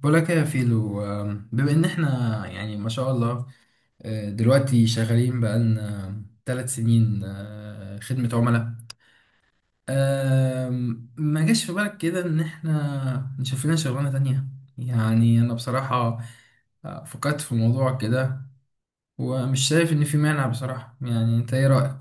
بقولك يا فيلو، بما ان احنا يعني ما شاء الله. دلوقتي شغالين بقالنا 3 سنين، خدمة عملاء. ما جاش في بالك كده ان احنا نشوف لنا شغلانة تانية؟ يعني انا بصراحة فكرت في الموضوع كده ومش شايف ان في مانع بصراحة. يعني انت ايه رأيك؟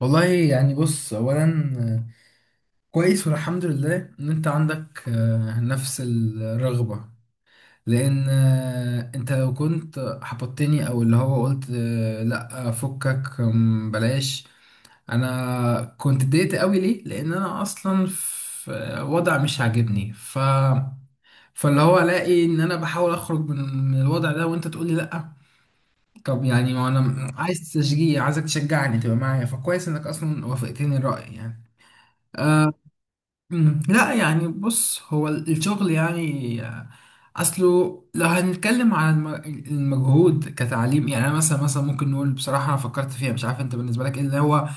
والله يعني بص، اولا آه، كويس والحمد لله ان انت عندك نفس الرغبة. لان انت لو كنت حبطتني او اللي هو قلت لا فكك، بلاش، انا كنت اتضايقت قوي. ليه؟ لان انا اصلا في وضع مش عاجبني. فاللي هو الاقي ان انا بحاول اخرج من الوضع ده وانت تقول لي لا. طب يعني ما انا عايز تشجيع، عايزك تشجعني تبقى معايا، فكويس انك اصلا وافقتني الرأي يعني. آه. لا يعني بص، هو الشغل يعني، اصله لو هنتكلم عن المجهود كتعليم، يعني انا مثلا ممكن نقول بصراحه انا فكرت فيها، مش عارف انت بالنسبه لك ايه اللي هو.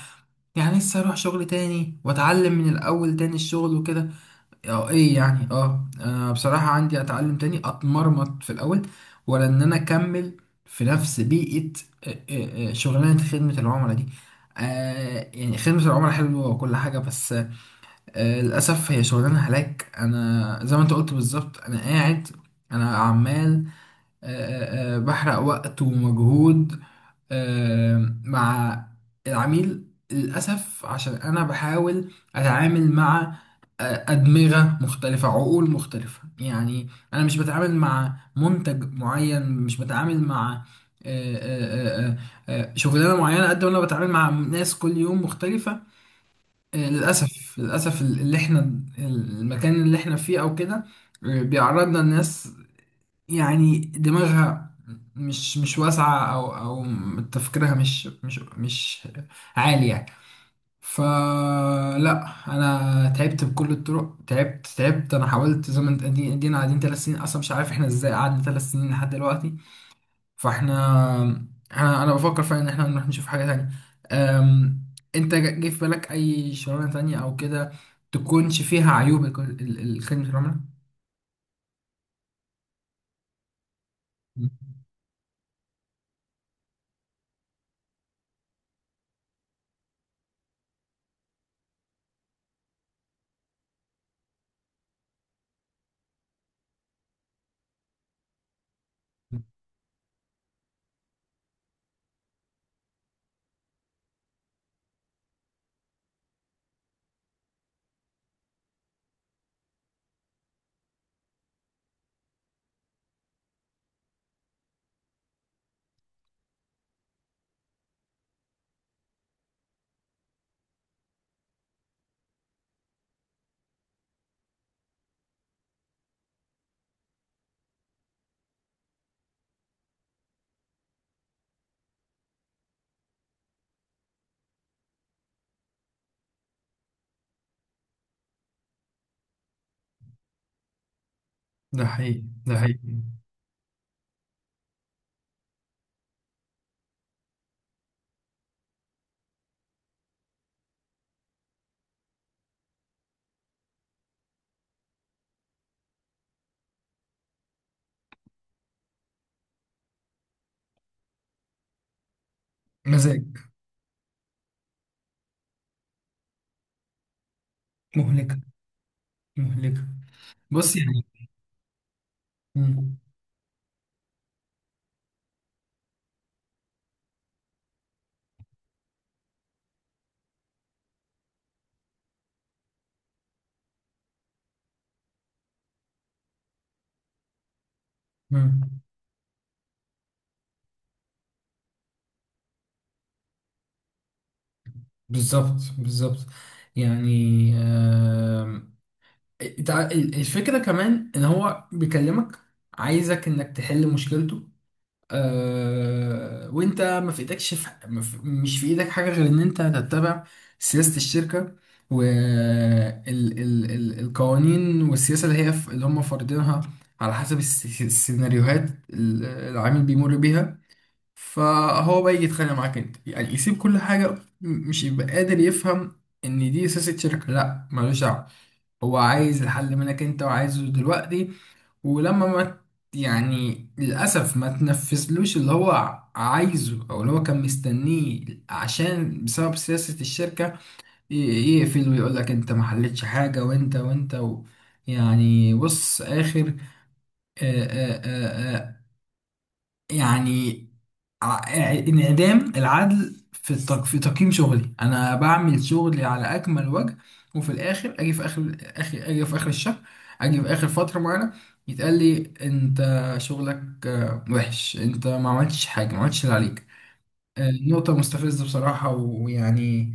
يعني لسه اروح شغل تاني واتعلم من الاول تاني الشغل وكده؟ اه، ايه يعني؟ اه، انا بصراحه عندي اتعلم تاني اتمرمط في الاول، ولا ان انا اكمل في نفس بيئه شغلانه خدمه العملاء دي؟ يعني خدمه العملاء حلوه وكل حاجه، بس للأسف هي شغلانة هلاك. أنا زي ما أنت قلت بالظبط، أنا قاعد، أنا عمال بحرق وقت ومجهود مع العميل. للأسف عشان أنا بحاول أتعامل مع أدمغة مختلفة، عقول مختلفة يعني. أنا مش بتعامل مع منتج معين، مش بتعامل مع آه، آه، آه، آه، شغلانة معينة، قد ما أنا بتعامل مع ناس كل يوم مختلفة. للأسف للأسف اللي احنا، المكان اللي احنا فيه أو كده بيعرضنا لناس يعني دماغها مش واسعة، أو تفكيرها مش عالي يعني. فلا، أنا تعبت بكل الطرق، تعبت تعبت، أنا حاولت زي ما ادينا قاعدين 3 سنين، أصلا مش عارف احنا ازاي قعدنا 3 سنين لحد دلوقتي. فاحنا أنا بفكر فعلا ان احنا نروح نشوف حاجه تانية. أم... انت جه في بالك اي شغلانه تانية او كده؟ تكونش فيها عيوب الخدمه العملاء. ده حقيقي، ده حقيقي. مزاج. مهلكة، مهلكة. بص يعني. مم. مم. بالظبط، بالظبط. يعني آم، إنت، الفكرة كمان ان هو بيكلمك عايزك انك تحل مشكلته. وانت ما في ايدكش، في ما في- مش في ايدك حاجه غير ان انت تتبع سياسه الشركه والقوانين والسياسه اللي هي، اللي هم فارضينها على حسب السيناريوهات اللي العميل بيمر بيها. فهو بقى يجي يتخانق معاك انت، يعني يسيب كل حاجه، مش يبقى قادر يفهم ان دي سياسه شركه، لا ملوش دعوه. هو عايز الحل منك انت وعايزه دلوقتي. ولما ما يعني للأسف ما تنفذلوش اللي هو عايزه أو اللي هو كان مستنيه عشان بسبب سياسة الشركة، ي- يقفل ويقول لك أنت ما حلتش حاجة وأنت وأنت و... يعني بص، آخر آآ آآ آآ يعني، ع- انعدام العدل في في تقييم شغلي. انا بعمل شغلي على اكمل وجه، وفي الاخر اجي في اخر الشهر، اجي في اخر فتره معينه، يتقال لي انت شغلك وحش، انت ما عملتش حاجه، ما عملتش اللي عليك. نقطه مستفزه بصراحه ويعني،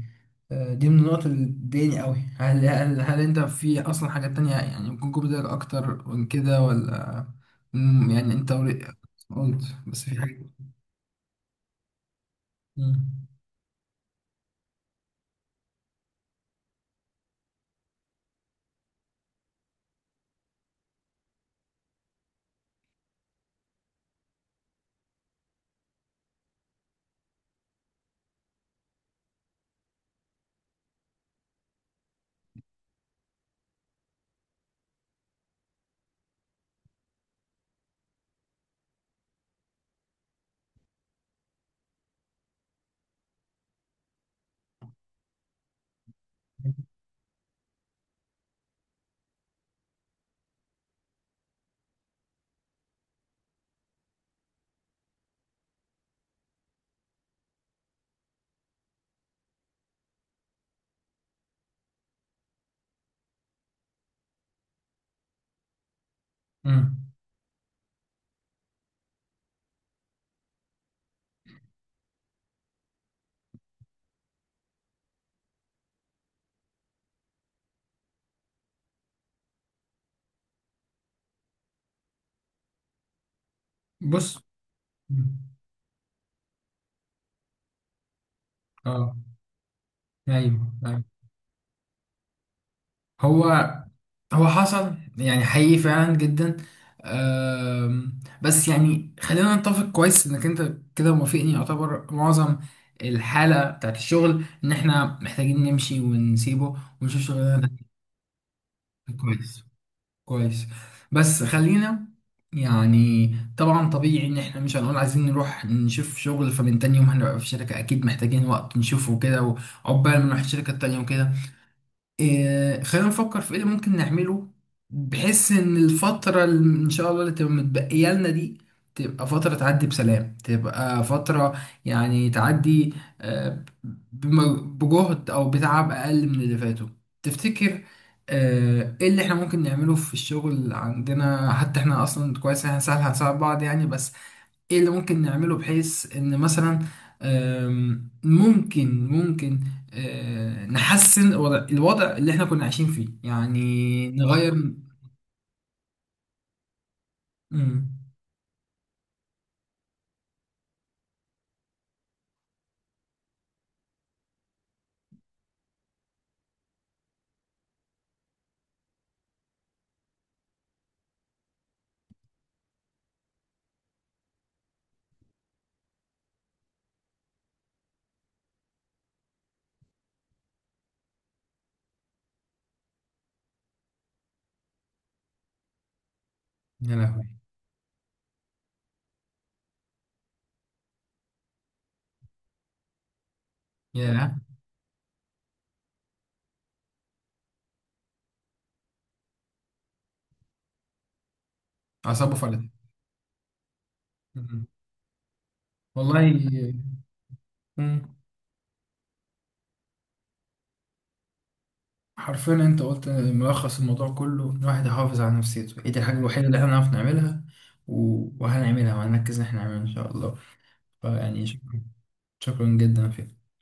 دي من النقط اللي بتضايقني قوي. هل انت في اصلا حاجات تانية يعني ممكن يكون بدألك اكتر من كده ولا؟ يعني انت قلت بس في حاجه. مم. مم. بص. مم. اه، ايوه، ايوه. هو هو حصل يعني حقيقي فعلا جدا. بس يعني خلينا نتفق كويس، انك انت كده موافقني يعتبر معظم الحالة بتاعت الشغل ان احنا محتاجين نمشي ونسيبه ونشوف شغلنا. ده كويس، كويس. بس خلينا يعني، طبعا طبيعي ان احنا مش هنقول عايزين نروح نشوف شغل فمن تاني يوم هنبقى في الشركة، اكيد محتاجين وقت نشوفه كده وعقبال ما نروح الشركة التانية وكده. إيه، خلينا نفكر في ايه اللي ممكن نعمله بحيث ان الفترة اللي ان شاء الله اللي تبقى متبقية لنا دي تبقى فترة تعدي بسلام، تبقى فترة يعني تعدي آه، بجهد او بتعب اقل من اللي فاتوا. تفتكر ايه اللي احنا ممكن نعمله في الشغل عندنا؟ حتى احنا اصلا كويس إن احنا سهل هنساعد بعض يعني، بس ايه اللي ممكن نعمله بحيث ان مثلا ممكن نحسن الوضع اللي احنا كنا عايشين فيه يعني نغير. مم. يا لهوي. يا أعصابه فلت. مم. والله. مم. حرفيا انت قلت ملخص الموضوع كله، إن الواحد يحافظ على نفسيته، ايه دي الحاجة الوحيدة اللي احنا نعرف نعملها. وهنعملها وهنركز ان احنا نعملها ان شاء الله. فيعني شكرا، شكرا جدا فيك.